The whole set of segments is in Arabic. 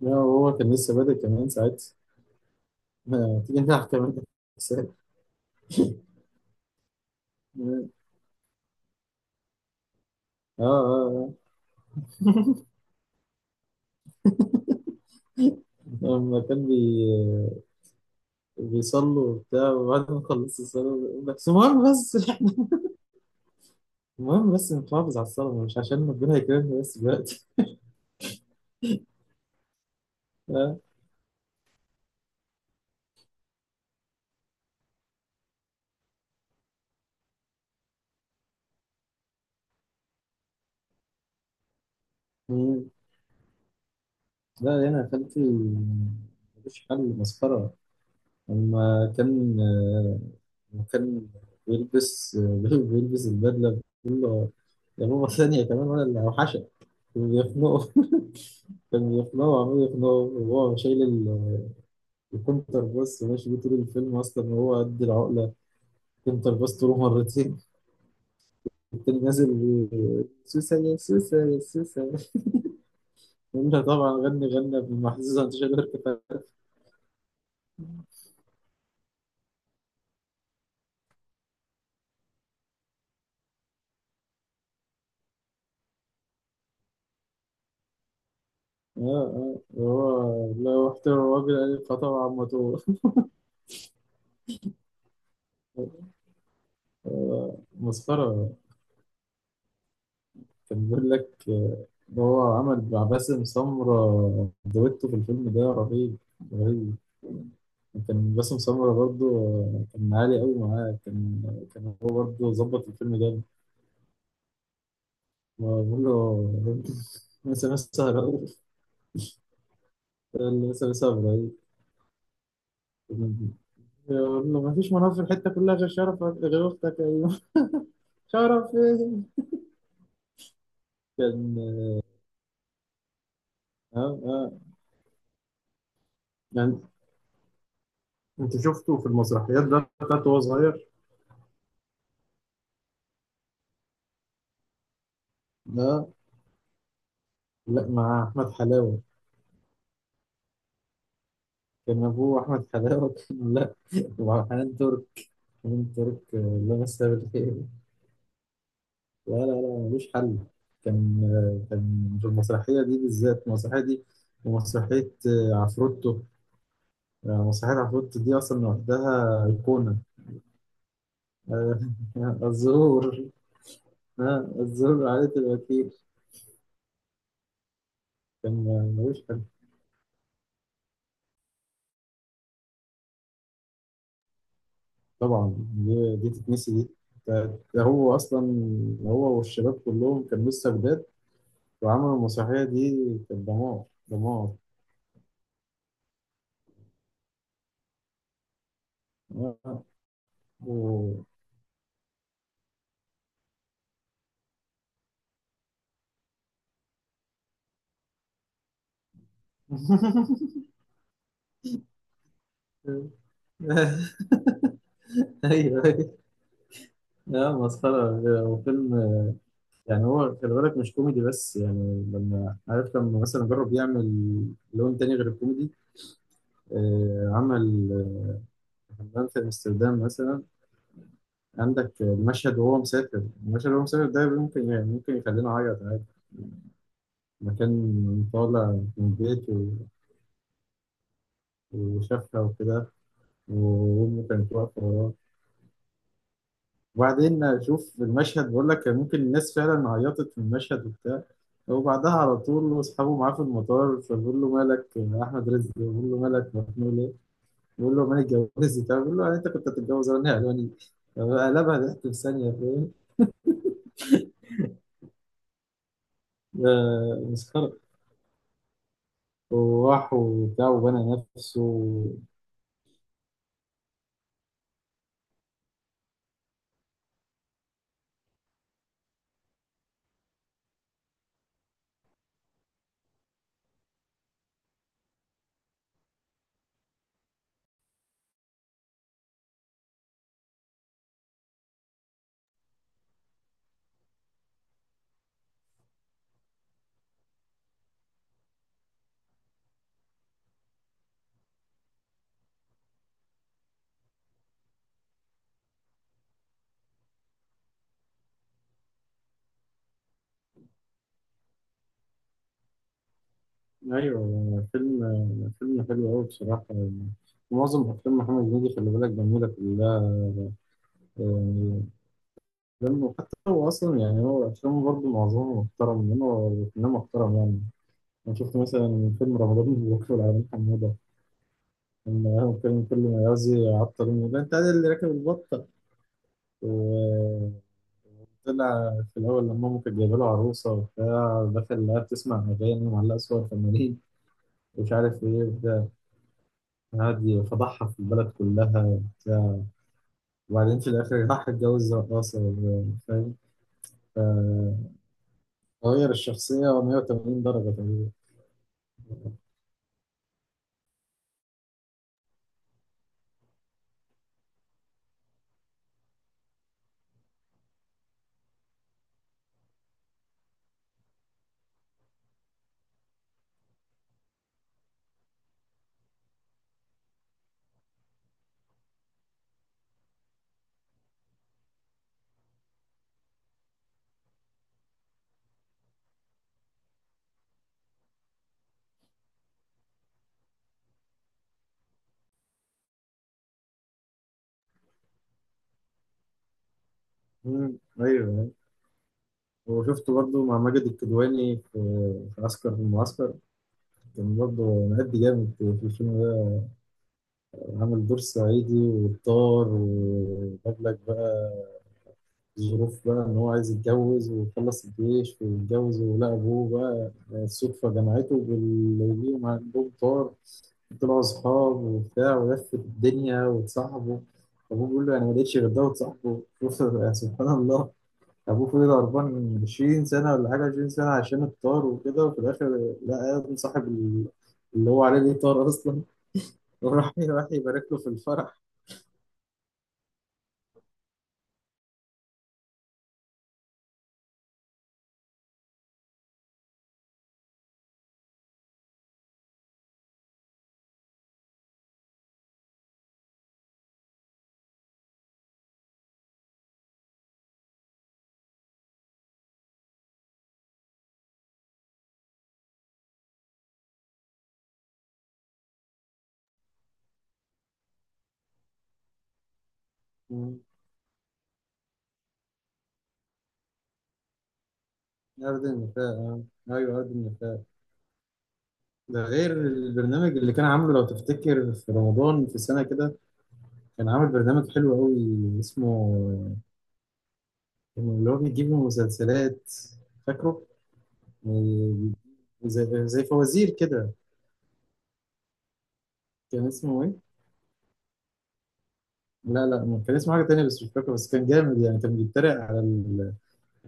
لا، هو كان لسه بادئ كمان ساعتها. ما تيجي نلعب كمان أحسن. اه اه آه. لما كان بي بيصلوا وبتاع، وبعد ما خلصت الصلاة بيقول لك بس المهم بس المهم بس نحافظ على الصلاة مش عشان ربنا يكرمنا بس دلوقتي. آه. مم. لا يعني يا خالتي مفيش حل مسخرة. لما كان آه، لما كان بيلبس بيلبس البدلة بتقول له يا ماما ثانية كمان ولا اللي أوحشك وبيخنقه. كان يخلعه عمال يقنعه وهو شايل ال- الكونتر باص ماشي بيه طول الفيلم اصلا وهو قد العقله. كونتر باص طوله مرتين التاني نازل بي- سوسة يا سوسة يا سوسة، يقول لها طبعا غني غنى بالمحزوزة انت شايل اركب اه. اه وهو لو احترم الراجل قال لي، فطبعا ما تو- آه، مسخرة. كان بيقول لك آه، إن هو عمل مع باسم سمرة دويتو في الفيلم ده رهيب رهيب. كان باسم سمرة برضه آه، كان عالي قوي معاه كان، كان هو برضه ظبط الفيلم ده. بقول له مثلا لسه، لسه ابراهيم. بقول له ما فيش مناطق في الحته كلها غير شرف غير اختك ايوه. شرف ايه؟ كان اه اه يعني. انت شفته في المسرحيات ده بتاعته وهو صغير؟ لا، لا مع أحمد حلاوة. كان أبوه أحمد حلاوة كان لا. ومع حنان ترك. حنان ترك آه، الله يمسها بالخير. لا ملوش حل. كان آه، كان في المسرحية دي بالذات المسرحية دي. ومسرحية آه، عفروتو. آه، مسرحية عفروتو دي أصلا لوحدها أيقونة. آه، الزهور. آه، الزهور عائلة الوكيل. كان آه، ملوش حل. طبعا دي تتنسي دي. ده هو أصلا هو والشباب كلهم كانوا لسه جداد وعملوا المسرحية دي. كانت دمار دمار. آه. و... ايوه ايوه. لا مسخرة. هو فيلم يعني، هو خلي بالك مش كوميدي بس، يعني لما عارف لما مثلا جرب يعمل لون تاني غير الكوميدي. آه، عمل آه، حمام في امستردام مثلا. عندك المشهد وهو مسافر، المشهد وهو مسافر ده ممكن يعني ممكن يخلينا اعيط عادي. مكان طالع من بيته وشافها وكده، وأمي كانت واقفة وراه. وبعدين أشوف المشهد، بقول لك كان ممكن الناس فعلا عيطت من المشهد وبتاع. وبعدها على طول أصحابه معاه في المطار فبيقول له مالك يا أحمد رزق، بيقول له مالك مخنوق ليه؟ بيقول له مالك اتجوزت وبتاع، بيقول له يعني أنت كنت هتتجوز وأنا ألواني؟ قلبها ضحك في ثانية، فاهم؟ ده مسخرة. وراح وبتاع وبنى نفسه. أيوه فيلم، فيلم حلو أوي بصراحة يعني. معظم أفلام محمد هنيدي خلي بالك جميلة كلها يعني. لأنه حتى هو أصلا يعني هو أفلامه برضه معظمها محترم لأنه فنان محترم يعني. أنا شفت مثلا من فيلم رمضان مبروك والعالمين حمودة لما هو كان كل ما يعوز يعطل يقول له، أنت عادل اللي راكب البطة. وطلع في الأول لما أمه كانت جايبة له عروسة وبتاع، دخل لقاها بتسمع أغاني ومعلقة صور فنانين ومش عارف إيه وبتاع، قعد يفضحها في البلد كلها وبتاع. وبعدين في الآخر راح اتجوز رقاصة، فاهم؟ فغير الشخصية 180 درجة تقريبا. مم. ايوه. وشفته برضه مع ماجد الكدواني في، في عسكر في المعسكر. كان برضه مأدي جامد في الفيلم ده. عامل دور صعيدي والطار، وجاب لك بقى الظروف بقى ان هو عايز يتجوز ويخلص الجيش ويتجوز، ولقى ابوه بقى الصدفة جمعته باللي ليهم عندهم طار. طلعوا اصحاب وبتاع ولفت الدنيا واتصاحبوا. ابوه بيقول له انا ما لقيتش غير ده وتصاحبه. شوف، سبحان الله. ابوه فضل هربان 20 سنه ولا حاجه، 20 سنه عشان الطار وكده، وفي الاخر لقى ابن اللي هو عليه دي طار اصلا. وراح راح يبارك له في الفرح. مم. أرض النفاق آه. أيوه أرض النفاق. ده غير البرنامج اللي كان عامله لو تفتكر في رمضان في سنة كده. كان عامل برنامج حلو أوي اسمه، اللي هو بيجيب مسلسلات، فاكره؟ آه، زي فوازير كده. كان اسمه إيه؟ لا لا، كان اسمه حاجة تانية بس مش فاكر، بس كان جامد يعني. كان بيتريق على ال-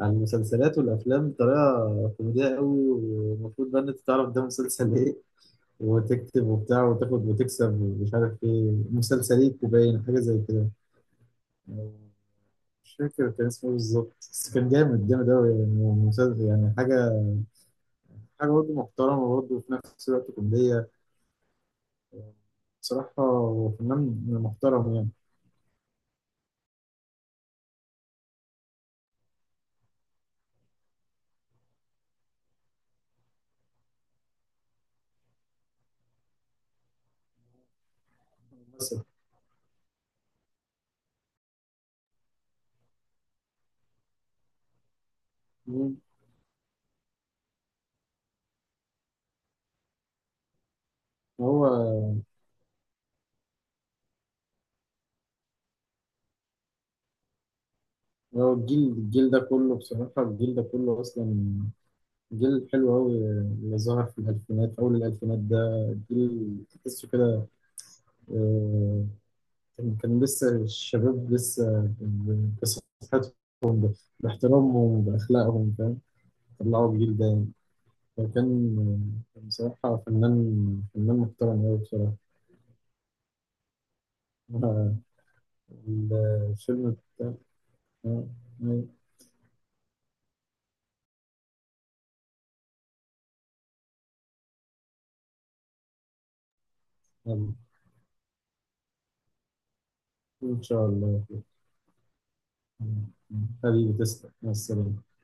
على المسلسلات والأفلام بطريقة كوميدية قوي، والمفروض بقى إن أنت تعرف ده مسلسل إيه وتكتب وبتاع وتاخد وتكسب ومش عارف إيه مسلسليك وباين حاجة زي كده. مش فاكر كان اسمه إيه بالظبط بس كان جامد جامد أوي يعني. مسلسل يعني حاجة، حاجة برضه محترمة برضه وفي نفس الوقت كوميدية. بصراحة هو فنان محترم يعني. مثلا هو هو الجيل، الجيل ده كله بصراحة الجيل ده كله أصلا جيل حلو أوي. اللي ظهر في الألفينات، أول الألفينات ده، جيل تحسه كده. آه، كان كان لسه الشباب لسه ب- بصحتهم، ب- باحترامهم بأخلاقهم، فاهم؟ طلعوا الجيل ده يعني. فكان آه، كان بصراحة فنان، فنان محترم أوي بصراحة. آه، الفيلم بتاع آه، آه، إن شاء الله آه، آه، حبيبي تسلم مع السلامة.